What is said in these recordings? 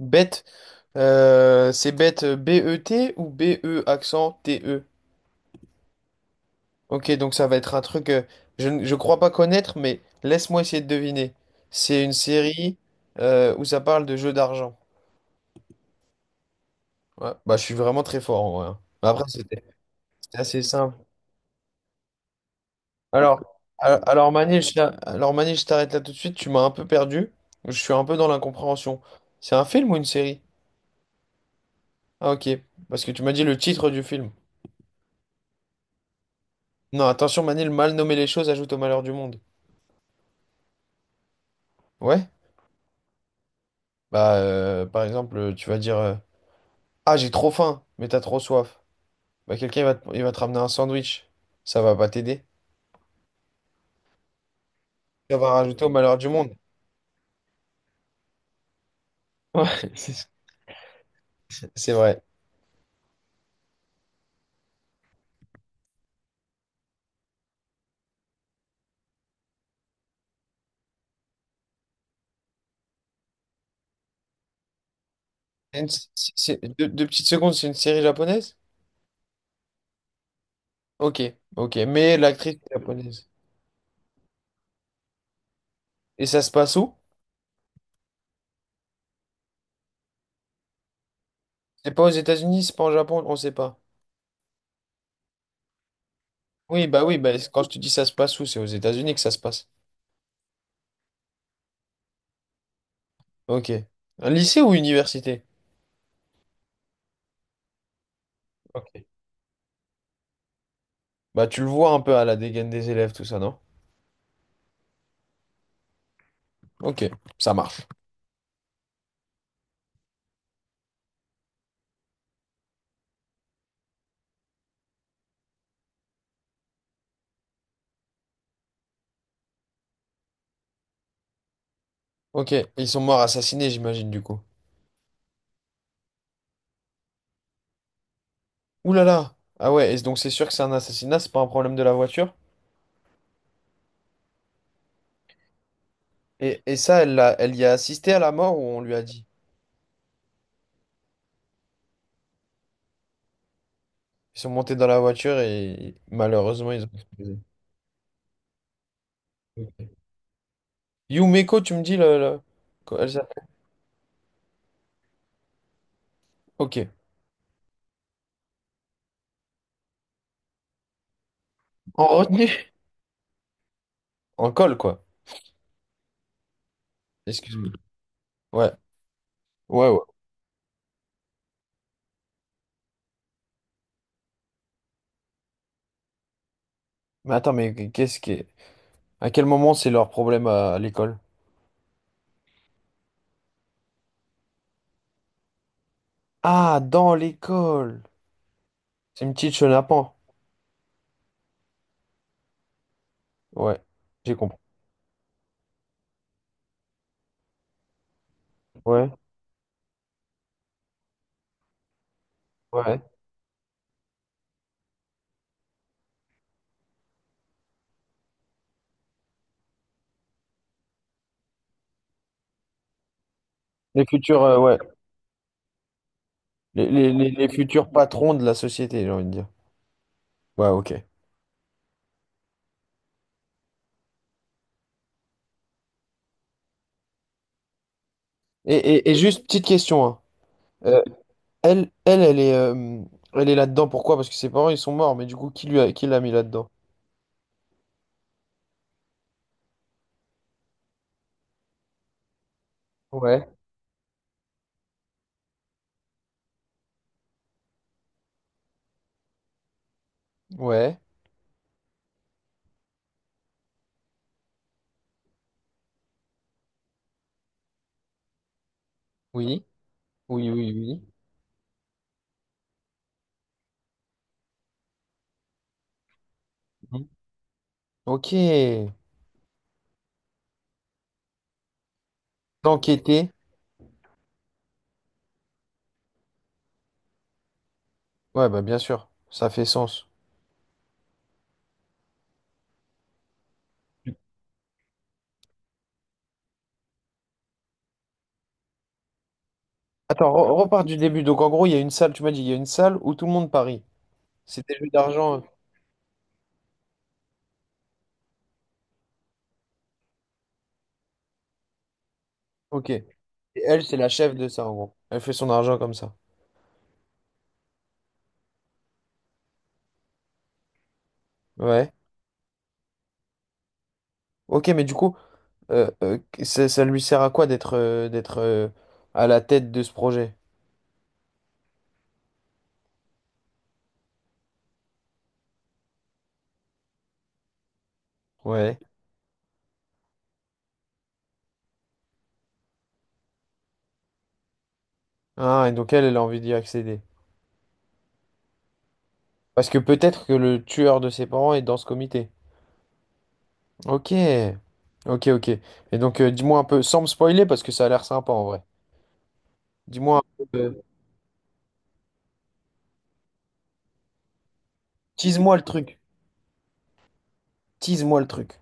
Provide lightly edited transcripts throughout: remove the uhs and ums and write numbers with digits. Bête, c'est bête Bet ou bête. Ok, donc ça va être un truc je crois pas connaître, mais laisse-moi essayer de deviner. C'est une série où ça parle de jeux d'argent. Ouais, bah je suis vraiment très fort en vrai, hein. Mais après, c'était assez simple. Alors, alors Manil, je t'arrête là tout de suite, tu m'as un peu perdu. Je suis un peu dans l'incompréhension. C'est un film ou une série? Ah ok, parce que tu m'as dit le titre du film. Non, attention Manil, mal nommer les choses ajoute au malheur du monde. Ouais? Bah, par exemple, tu vas dire ah, j'ai trop faim, mais t'as trop soif. Bah, quelqu'un il va te ramener un sandwich. Ça va pas t'aider. Ça va rajouter au malheur du monde. Ouais, c'est c'est vrai. Deux petites secondes, c'est une série japonaise? Ok, ok. Mais l'actrice est japonaise. Et ça se passe où? C'est pas aux États-Unis, c'est pas en Japon, on sait pas. Oui, bah, quand je te dis ça se passe où, c'est aux États-Unis que ça se passe. Ok. Un lycée ou université? Ok. Bah, tu le vois un peu à la dégaine des élèves, tout ça, non? Ok, ça marche. Ok, ils sont morts assassinés, j'imagine, du coup. Ouh là là! Ah ouais, et donc c'est sûr que c'est un assassinat, c'est pas un problème de la voiture. Et ça, elle y a assisté à la mort ou on lui a dit? Ils sont montés dans la voiture et malheureusement, ils ont explosé. Yumeko, tu me dis quoi, elle s'appelle. Ok. En retenue? En colle, quoi. Excuse-moi. Ouais. Ouais, ouais. Mais attends, à quel moment c'est leur problème à l'école? Ah, dans l'école! C'est une petite chenapan. Ouais, j'ai compris. Ouais, ouais. Les cultures, ouais. Les futurs patrons de la société, j'ai envie de dire. Ouais, ok. Et juste petite question, hein. Euh, elle, elle, elle est, euh, elle est là-dedans. Pourquoi? Parce que ses parents, ils sont morts. Mais du coup, qui l'a mis là-dedans? Ouais. Ouais. Oui. Oui, oui, oui. Mhm. Ok. T'enquêter. Ouais, bah bien sûr. Ça fait sens. Attends, repars du début. Donc en gros, il y a une salle. Tu m'as dit, il y a une salle où tout le monde parie. C'est des jeux d'argent. Ok. Et elle, c'est la chef de ça, en gros. Elle fait son argent comme ça. Ouais. Ok, mais du coup. euh, euh, ça lui sert à quoi d'être à la tête de ce projet? Ouais. Ah, et donc elle, a envie d'y accéder. Parce que peut-être que le tueur de ses parents est dans ce comité. Ok. Ok, ok. Et donc, dis-moi un peu, sans me spoiler, parce que ça a l'air sympa en vrai. Dis-moi un peu, tease-moi le truc. Tease-moi le truc.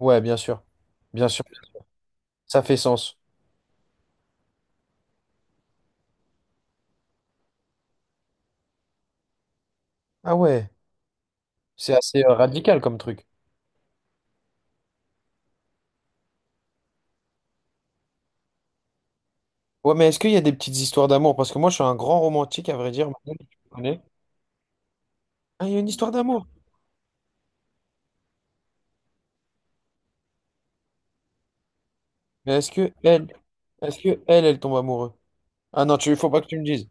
Ouais, bien sûr. Bien sûr. Ça fait sens. Ah ouais, c'est assez radical comme truc. Ouais, mais est-ce qu'il y a des petites histoires d'amour? Parce que moi, je suis un grand romantique, à vrai dire. Manuel, tu me connais. Ah, il y a une histoire d'amour. Mais elle tombe amoureuse? Ah non, faut pas que tu me dises.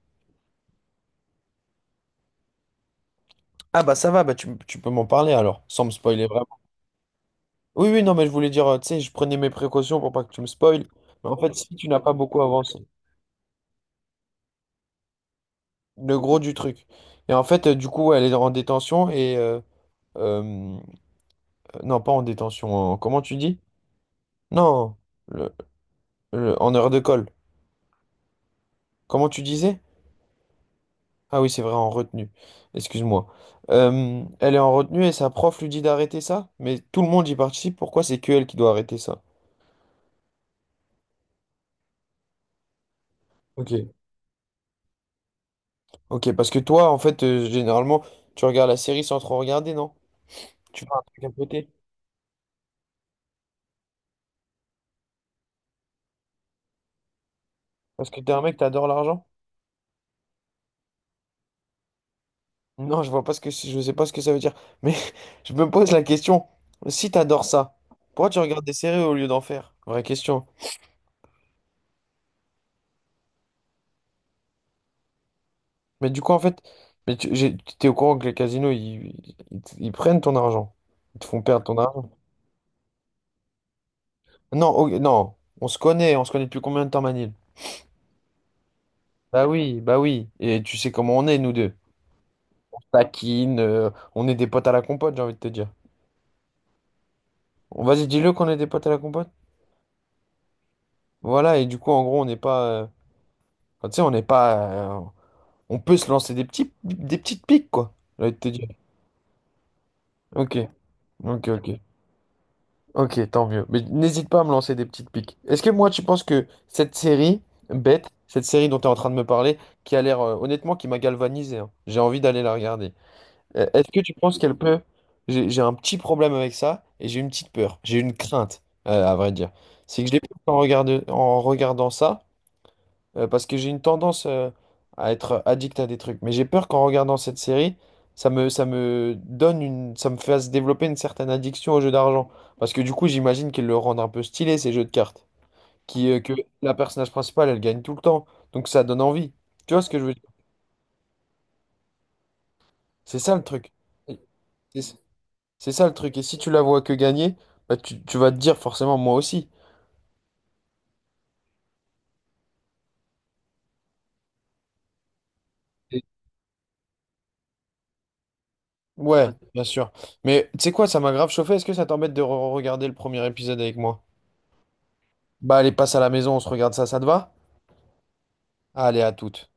Ah bah ça va, bah tu peux m'en parler alors, sans me spoiler vraiment. Oui, oui, non, mais je voulais dire, tu sais, je prenais mes précautions pour pas que tu me spoiles. Mais en fait, si tu n'as pas beaucoup avancé, le gros du truc. Et en fait, du coup, elle est en détention et... euh, non, pas en détention, comment tu dis? Non, le- en heure de colle. Comment tu disais? Ah oui, c'est vrai, en retenue. Excuse-moi. Elle est en retenue et sa prof lui dit d'arrêter ça? Mais tout le monde y participe, pourquoi c'est que elle qui doit arrêter ça? Ok. Ok, parce que toi, en fait, généralement, tu regardes la série sans trop regarder, non? Tu fais un truc à côté. Parce que t'es un mec, t'adores l'argent? Non, je vois pas ce que je sais pas ce que ça veut dire. Mais je me pose la question, si t'adores ça, pourquoi tu regardes des séries au lieu d'en faire? Vraie question. Mais du coup, en fait, mais t'es au courant que les casinos, ils prennent ton argent. Ils te font perdre ton argent. Non, oh, non, on se connaît depuis combien de temps, Manil? Bah oui, bah oui. Et tu sais comment on est, nous deux. Taquine, on est des potes à la compote, j'ai envie de te dire. Bon, vas-y, dis-le qu'on est des potes à la compote. Voilà, et du coup, en gros, on n'est pas. Enfin, tu sais, on n'est pas. On peut se lancer des petites piques, quoi. J'ai envie de te dire. Ok, ok, ok. Ok, tant mieux. Mais n'hésite pas à me lancer des petites piques. Est-ce que moi, tu penses que cette série, bête, cette série dont tu es en train de me parler, qui a l'air, honnêtement, qui m'a galvanisé, hein, j'ai envie d'aller la regarder. Est-ce que tu penses qu'elle peut... J'ai un petit problème avec ça et j'ai une petite peur, j'ai une crainte, à vrai dire. C'est que j'ai peur en regardant ça, parce que j'ai une tendance à être addict à des trucs. Mais j'ai peur qu'en regardant cette série, ça me fasse développer une certaine addiction aux jeux d'argent. Parce que du coup, j'imagine qu'ils le rendent un peu stylé, ces jeux de cartes. Qui, que la personnage principale, elle gagne tout le temps. Donc ça donne envie. Tu vois ce que je veux dire? C'est ça le truc. C'est- C'est ça le truc. Et si tu la vois que gagner, bah, tu vas te dire forcément moi aussi. Et- Ouais, bien sûr. Mais tu sais quoi, ça m'a grave chauffé. Est-ce que ça t'embête de re regarder le premier épisode avec moi? Bah allez, passe à la maison, on se regarde ça, ça te va? Allez, à toute.